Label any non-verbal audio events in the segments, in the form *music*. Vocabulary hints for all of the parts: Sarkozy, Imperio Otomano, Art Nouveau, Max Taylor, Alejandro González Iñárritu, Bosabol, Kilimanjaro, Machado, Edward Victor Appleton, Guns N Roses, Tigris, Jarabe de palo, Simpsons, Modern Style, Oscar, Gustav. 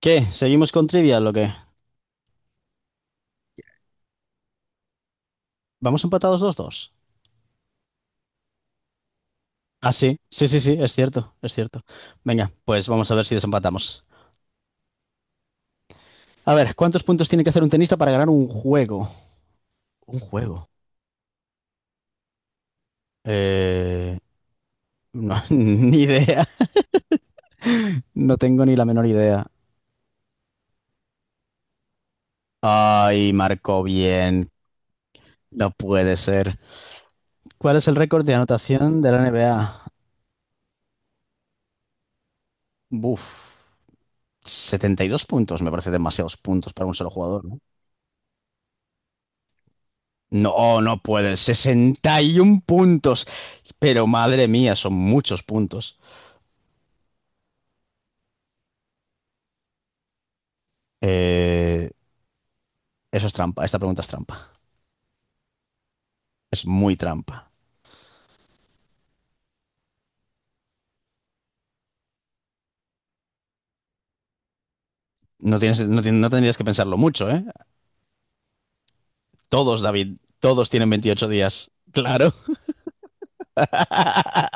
¿Qué? ¿Seguimos con Trivial o qué? ¿Vamos empatados dos dos? Ah, sí, sí, sí, sí, es cierto, es cierto. Venga, pues vamos a ver si desempatamos. A ver, ¿cuántos puntos tiene que hacer un tenista para ganar un juego? Un juego. Eh, no, *laughs* ni idea. No tengo ni la menor idea. Ay, marcó bien. No puede ser. ¿Cuál es el récord de anotación de la NBA? Buf. 72 puntos, me parece demasiados puntos para un solo jugador, ¿no? No, no puede. 61 puntos. Pero madre mía, son muchos puntos. Eh, eso es trampa. Esta pregunta es trampa. Es muy trampa. No, tienes, no, tien- no tendrías que pensarlo mucho, ¿eh? Todos, David, todos tienen 28 días. Claro. *laughs*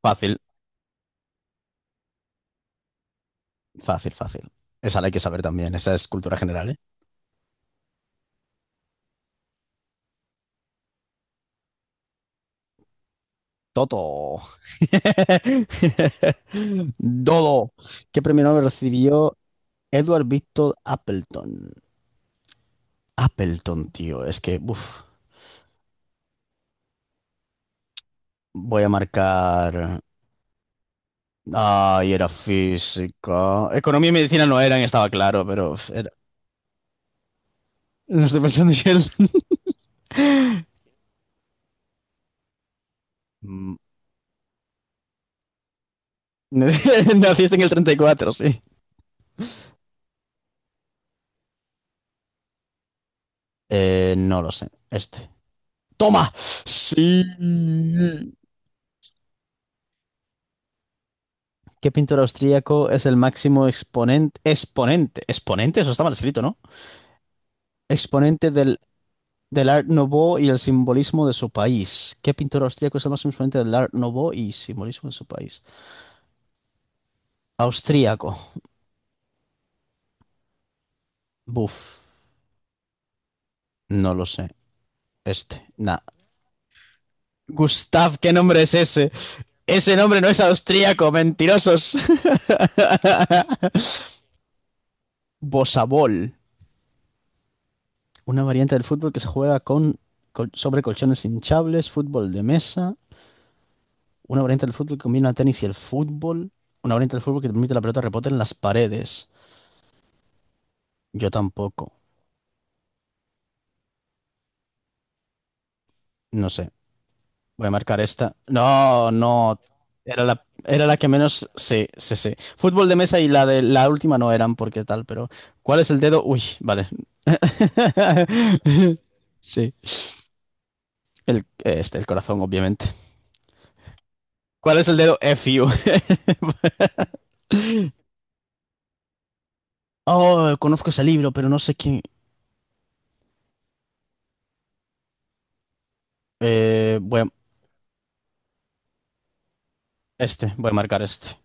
Fácil, fácil, fácil. Esa la hay que saber también. Esa es cultura general, ¿eh? Toto. *laughs* Dodo. ¿Qué premio Nobel recibió Edward Victor Appleton? Appleton, tío. Es que, uff. Voy a marcar. Ay, era física. Economía y medicina no eran, estaba claro, pero era- No estoy pensando en Sheldon. Mm, *laughs* Naciste en el 34, sí. No lo sé. Este. ¡Toma! Sí. ¿Qué pintor austríaco es el máximo exponente? Exponente. Exponente, eso está mal escrito, ¿no? Exponente del Art Nouveau y el simbolismo de su país. ¿Qué pintor austríaco es el máximo exponente del Art Nouveau y simbolismo de su país? Austríaco. Buf. No lo sé. Este, nada. Gustav, ¿qué nombre es ese? Ese nombre no es austríaco, mentirosos. *laughs* Bosabol, una variante del fútbol que se juega con, col- sobre colchones hinchables, fútbol de mesa, una variante del fútbol que combina el tenis y el fútbol, una variante del fútbol que permite que la pelota rebote en las paredes. Yo tampoco, no sé. Voy a marcar esta. No, no. Era la que menos. Sí, sí, sí. Fútbol de mesa y la de la última no eran porque tal, pero. ¿Cuál es el dedo? Uy, vale. *laughs* Sí. El, este, el corazón, obviamente. ¿Cuál es el dedo? F you. *laughs* Oh, conozco ese libro, pero no sé quién. Eh, voy a- este, voy a marcar este.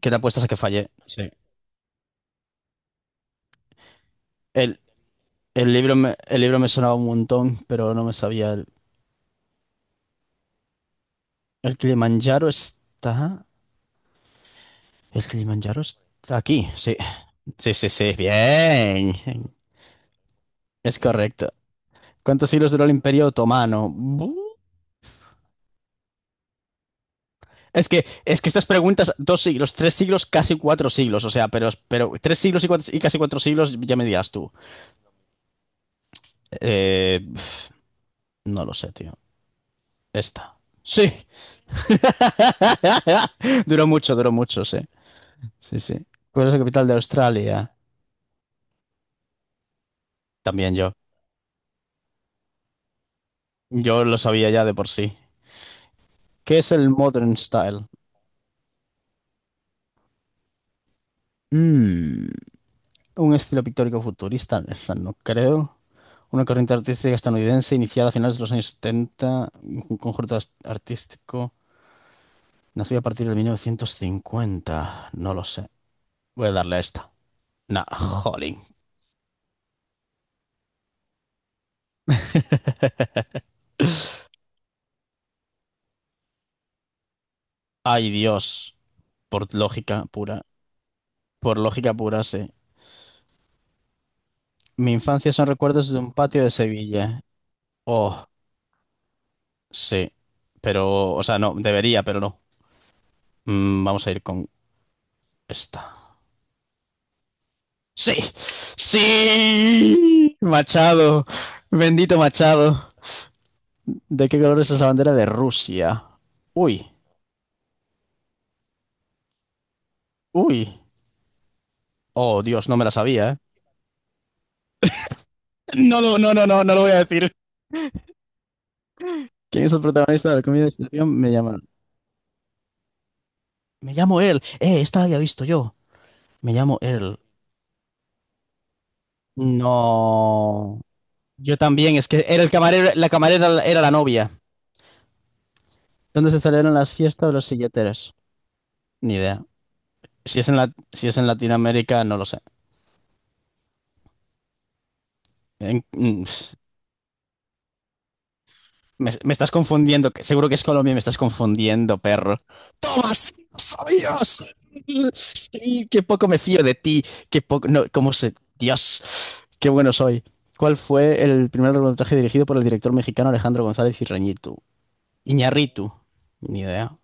¿Qué te apuestas a que fallé? Sí. El, el libro me sonaba un montón, pero no me sabía. El Kilimanjaro está. El Kilimanjaro está aquí, sí. Sí, sí, sí, bien. Es correcto. ¿Cuántos siglos duró el Imperio Otomano? Bu- Es que estas preguntas, 2 siglos, 3 siglos, casi 4 siglos, o sea, pero 3 siglos y, cuatro- y casi 4 siglos, ya me dirás tú. Eh, pf, no lo sé, tío. Esta. Sí. *laughs* Duró mucho, sí. Sí, sí. ¿Cuál es la capital de Australia? También yo. Yo lo sabía ya de por sí. ¿Qué es el Modern Style? Mmm. Un estilo pictórico futurista, esa no creo. Una corriente artística estadounidense iniciada a finales de los años 70 un conjunto artístico nacido a partir de 1950. No lo sé. Voy a darle a esta. Nah, jolín. Ay, Dios. Por lógica pura. Por lógica pura, sí. Mi infancia son recuerdos de un patio de Sevilla. Oh, sí. Pero, o sea, no, debería, pero no. Vamos a ir con esta. Sí, sí, Machado, bendito Machado. ¿De qué color es esa bandera de Rusia? Uy, uy. Oh, Dios, no me la sabía, ¿eh? No, lo- no, no, no, no lo voy a decir. ¿Quién es el protagonista de la comedia de situación? Me llaman. Me llamo él. Esta la había visto yo. Me llamo él. No. Yo también, es que era el camarero, la camarera era la novia. ¿Dónde se celebran las fiestas de los silleteras? Ni idea. Si es en Latinoamérica, no lo sé. En- Me estás confundiendo, que seguro que es Colombia, me estás confundiendo, perro. ¡Toma, sí, lo sabías! Sí, qué poco me fío de ti, qué poco... No, ¿cómo se...? Dios, qué bueno soy. ¿Cuál fue el primer largometraje dirigido por el director mexicano Alejandro González Iñárritu? Iñárritu. Ni idea,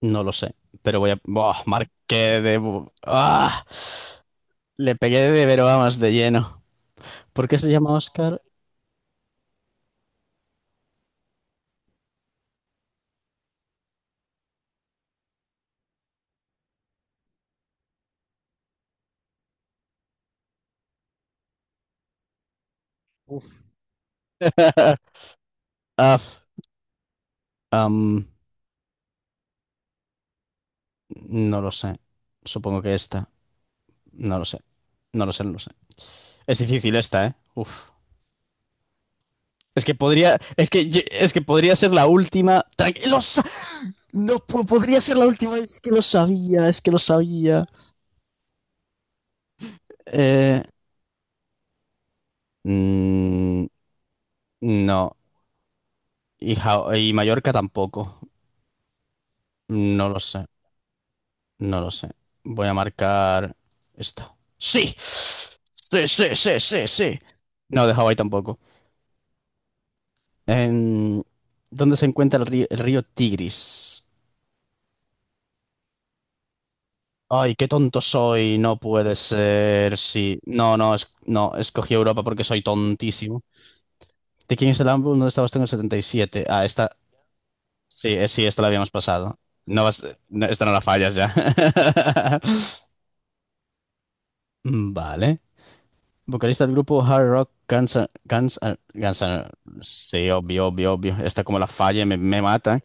no lo sé, pero voy a... ¡Buah! Marqué de... bu- ¡Ah! Le pegué de pero vamos, de lleno. ¿Por qué se llama Oscar? *laughs* Af. No lo sé. Supongo que esta. No lo sé. No lo sé, no lo sé. Es difícil esta, ¿eh? Uf. Es que podría. Es que podría ser la última. Tranqui- lo sa- No po- podría ser la última. Es que lo sabía, es que lo sabía. Eh, mm, no. Y, Ja- y Mallorca tampoco. No lo sé. No lo sé. Voy a marcar esta. ¡Sí! Sí, sí, sí, sí, sí. No, de Hawái tampoco. En- ¿dónde se encuentra el río Tigris? Ay, qué tonto soy, no puede ser. Sí, no, no, es, no, escogí Europa porque soy tontísimo. ¿De quién es el álbum? ¿Dónde estabas tú en el 77? Ah, esta, sí, sí, esta la habíamos pasado. No vas, no, esta no la fallas ya. *laughs* Mm, vale. Vocalista del grupo Hard Rock Guns, N- Guns, N- Guns N- Sí, obvio, obvio, obvio. Esta como la falle me mata.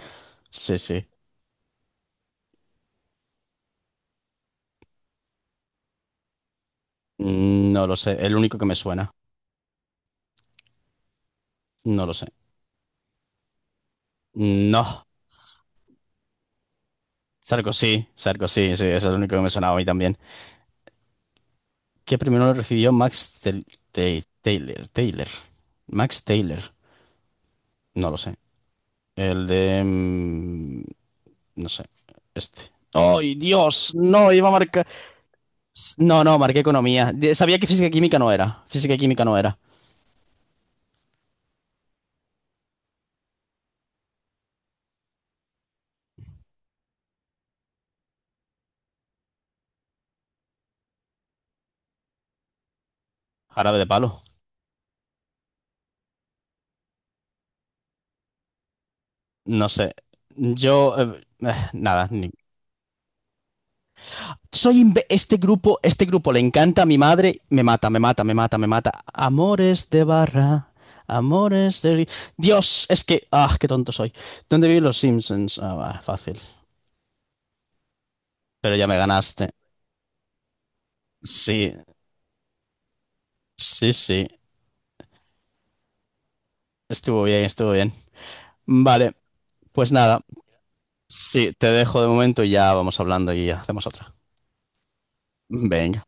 Sí, sí. No lo sé. El único que me suena. No lo sé. No, Sarkozy, Sarkozy, sí, ese es el único que me sonaba a mí también. ¿Qué primero lo recibió Max Tel- Tay- Taylor? Taylor. Max Taylor. No lo sé. El de... No sé. Este. ¡Ay, Dios! No, iba a marcar... No, no, marqué economía. De- Sabía que física y química no era. Física y química no era. Jarabe de palo. No sé. Yo... nada, soy imbe- este grupo le encanta a mi madre, me mata, me mata, me mata, me mata. Amores de barra, amores de ri- Dios, es que qué tonto soy. ¿Dónde viven los Simpsons? Ah, va, fácil. Pero ya me ganaste. Sí, sí, sí. Estuvo bien, estuvo bien. Vale, pues nada. Sí, te dejo de momento y ya vamos hablando y hacemos otra. Venga.